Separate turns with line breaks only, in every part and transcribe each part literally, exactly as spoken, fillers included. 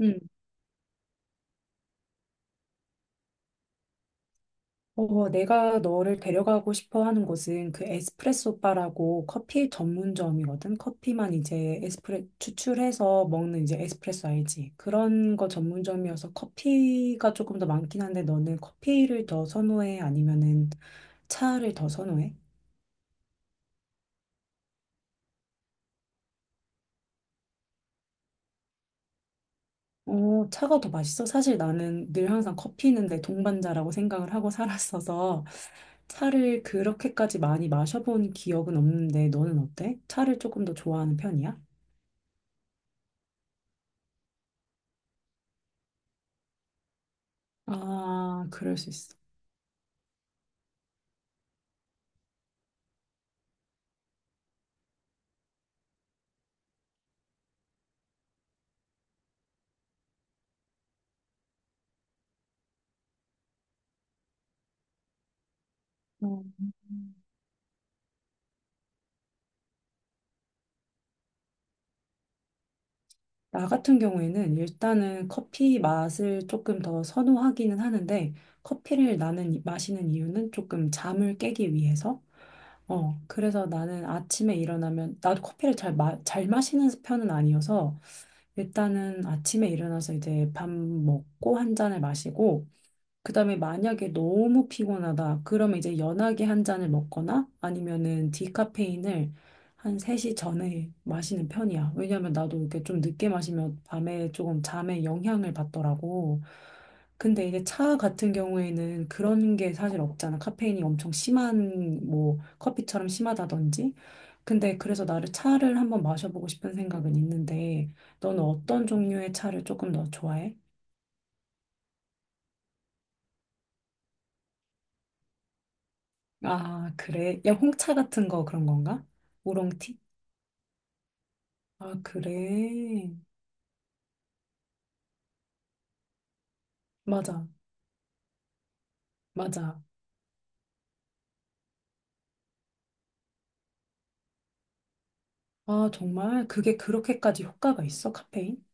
음. 어, 내가 너를 데려가고 싶어 하는 곳은 그 에스프레소 바라고 커피 전문점이거든. 커피만 이제 에스프레 추출해서 먹는 이제 에스프레소 알지? 그런 거 전문점이어서 커피가 조금 더 많긴 한데 너는 커피를 더 선호해? 아니면은 차를 더 선호해? 어, 차가 더 맛있어? 사실 나는 늘 항상 커피는 내 동반자라고 생각을 하고 살았어서 차를 그렇게까지 많이 마셔본 기억은 없는데 너는 어때? 차를 조금 더 좋아하는 편이야? 아, 그럴 수 있어. 어. 나 같은 경우에는 일단은 커피 맛을 조금 더 선호하기는 하는데 커피를 나는 이- 마시는 이유는 조금 잠을 깨기 위해서. 어, 그래서 나는 아침에 일어나면 나도 커피를 잘, 마, 잘 마시는 편은 아니어서 일단은 아침에 일어나서 이제 밥 먹고 한 잔을 마시고 그다음에 만약에 너무 피곤하다. 그러면 이제 연하게 한 잔을 먹거나 아니면은 디카페인을 한 세 시 전에 마시는 편이야. 왜냐면 나도 이렇게 좀 늦게 마시면 밤에 조금 잠에 영향을 받더라고. 근데 이제 차 같은 경우에는 그런 게 사실 없잖아. 카페인이 엄청 심한 뭐 커피처럼 심하다든지. 근데 그래서 나를 차를 한번 마셔보고 싶은 생각은 있는데 너는 어떤 종류의 차를 조금 더 좋아해? 아, 그래. 야, 홍차 같은 거 그런 건가? 우롱티? 아, 그래. 맞아, 맞아. 아, 정말 그게 그렇게까지 효과가 있어, 카페인?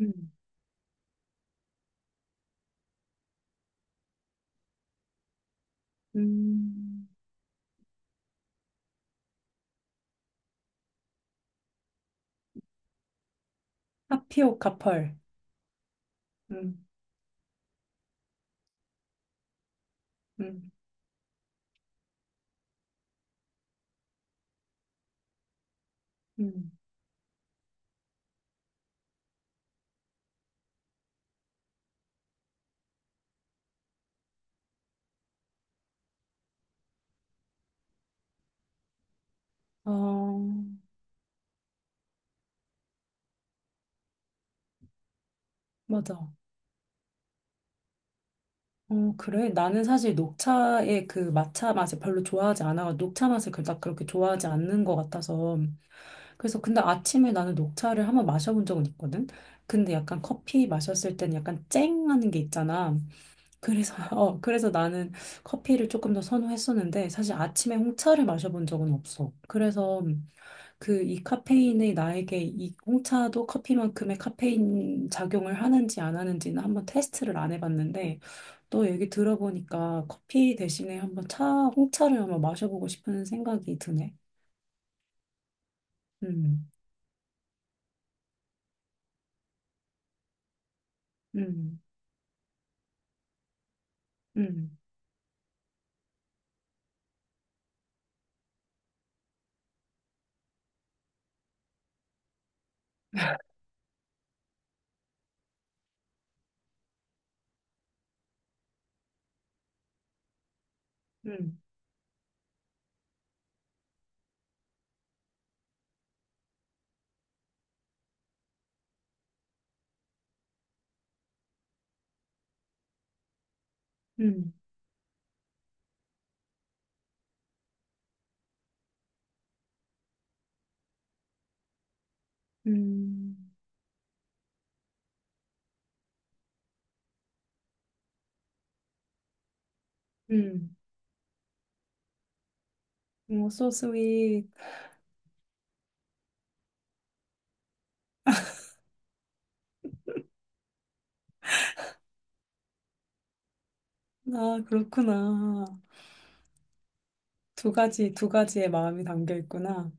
음, 음, 카피오 카펄. 음, 음, 음. 어, 맞아. 어, 그래? 나는 사실 녹차의 그 matcha 맛을 별로 좋아하지 않아. 녹차 맛을 그닥 그렇게 좋아하지 않는 것 같아서. 그래서 근데 아침에 나는 녹차를 한번 마셔본 적은 있거든? 근데 약간 커피 마셨을 때는 약간 쨍하는 게 있잖아. 그래서, 어, 그래서 나는 커피를 조금 더 선호했었는데 사실 아침에 홍차를 마셔본 적은 없어. 그래서 그 이 카페인이 나에게 이 홍차도 커피만큼의 카페인 작용을 하는지 안 하는지는 한번 테스트를 안 해봤는데 너 얘기 들어보니까 커피 대신에 한번 차, 홍차를 한번 마셔보고 싶은 생각이 드네. 음, 음, 음, 음, 음, 음, 음. 어, so sweet. 아, 그렇구나. 두 가지, 두 가지의 마음이 담겨 있구나.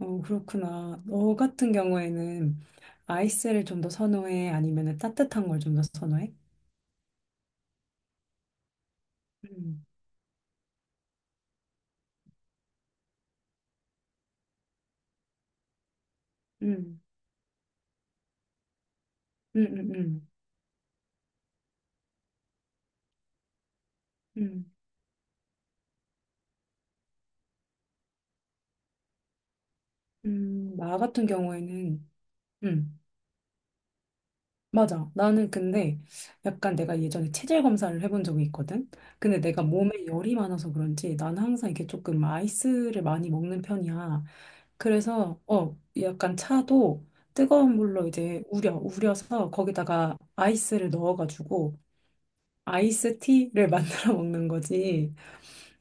어, 그렇구나. 너 같은 경우에는 아이스를 좀 더 선호해? 아니면 따뜻한 걸 좀 더 선호해? 음, 음, 음, 음, 음, 음. 음, 나 같은 경우에는, 음. 맞아. 나는 근데 약간 내가 예전에 체질 검사를 해본 적이 있거든. 근데 내가 몸에 열이 많아서 그런지 나는 항상 이게 조금 아이스를 많이 먹는 편이야. 그래서 어 약간 차도 뜨거운 물로 이제 우려 우려서 거기다가 아이스를 넣어가지고 아이스티를 만들어 먹는 거지.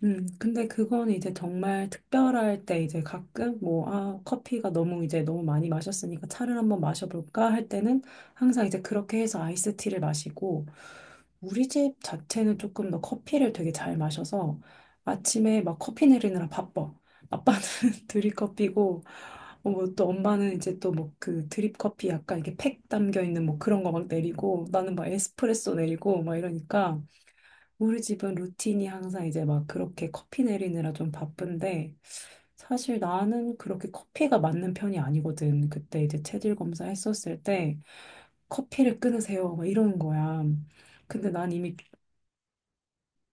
음, 근데 그건 이제 정말 특별할 때 이제 가끔 뭐, 아, 커피가 너무 이제 너무 많이 마셨으니까 차를 한번 마셔볼까 할 때는 항상 이제 그렇게 해서 아이스티를 마시고 우리 집 자체는 조금 더 커피를 되게 잘 마셔서 아침에 막 커피 내리느라 바빠. 아빠는 드립커피고 뭐 또 엄마는 이제 또 뭐 그 드립커피 약간 이렇게 팩 담겨 있는 뭐 그런 거 막 내리고 나는 막 에스프레소 내리고 막 이러니까 우리 집은 루틴이 항상 이제 막 그렇게 커피 내리느라 좀 바쁜데, 사실 나는 그렇게 커피가 맞는 편이 아니거든. 그때 이제 체질 검사 했었을 때, 커피를 끊으세요. 막 이러는 거야. 근데 난 이미,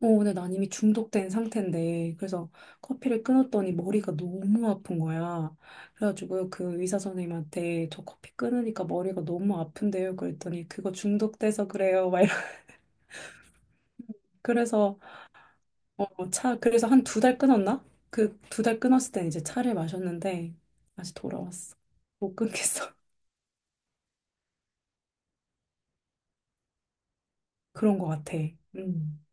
어, 근데 난 이미 중독된 상태인데, 그래서 커피를 끊었더니 머리가 너무 아픈 거야. 그래가지고 그 의사 선생님한테 저 커피 끊으니까 머리가 너무 아픈데요. 그랬더니 그거 중독돼서 그래요. 막 이러- 그래서 어, 차, 그래서 한 두 달 끊었나? 그 두 달 끊었을 땐 이제 차를 마셨는데 다시 돌아왔어. 못 끊겠어. 그런 것 같아. 음,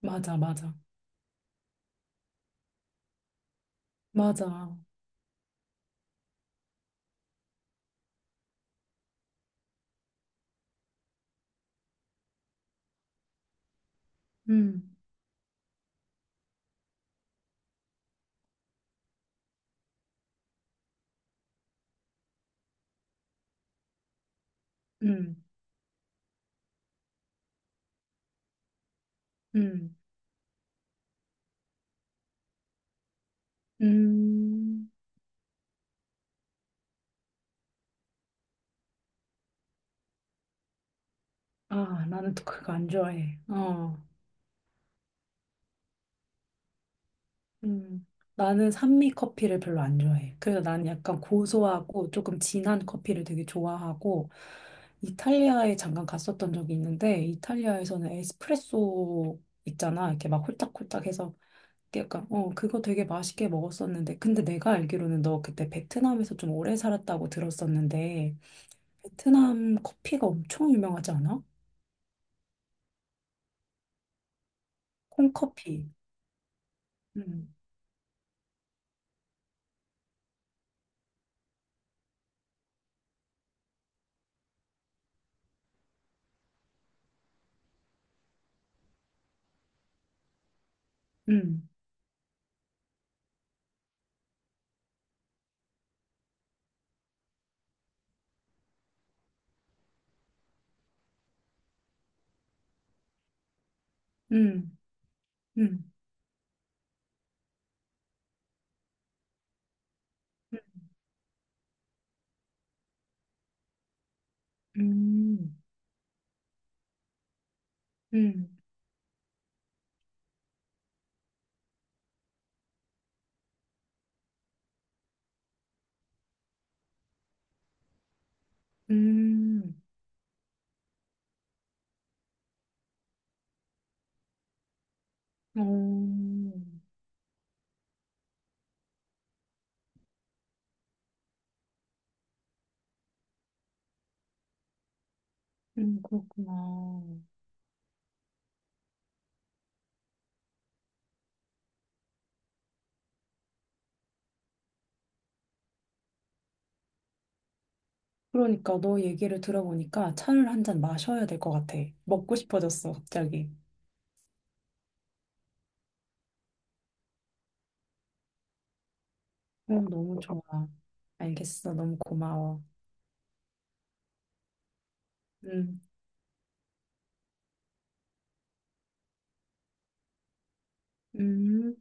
맞아, 맞아, 맞아. 음, 음, 음, 음. 아, 나는 또 그거 안 좋아해. 어, 음, 나는 산미 커피를 별로 안 좋아해. 그래서 나는 약간 고소하고 조금 진한 커피를 되게 좋아하고 이탈리아에 잠깐 갔었던 적이 있는데 이탈리아에서는 에스프레소 있잖아. 이렇게 막 홀짝홀짝해서 약간 어 그거 되게 맛있게 먹었었는데 근데 내가 알기로는 너 그때 베트남에서 좀 오래 살았다고 들었었는데 베트남 커피가 엄청 유명하지 않아? 콩커피. 음, 음, 음, 음, 음, 음, 음. 음. 음, 음, 그렇구나. 그러니까 너 얘기를 들어보니까 차를 한 잔 마셔야 될 것 같아. 먹고 싶어졌어, 갑자기. 어, 너무 좋아. 알겠어. 너무 고마워. 음, 음.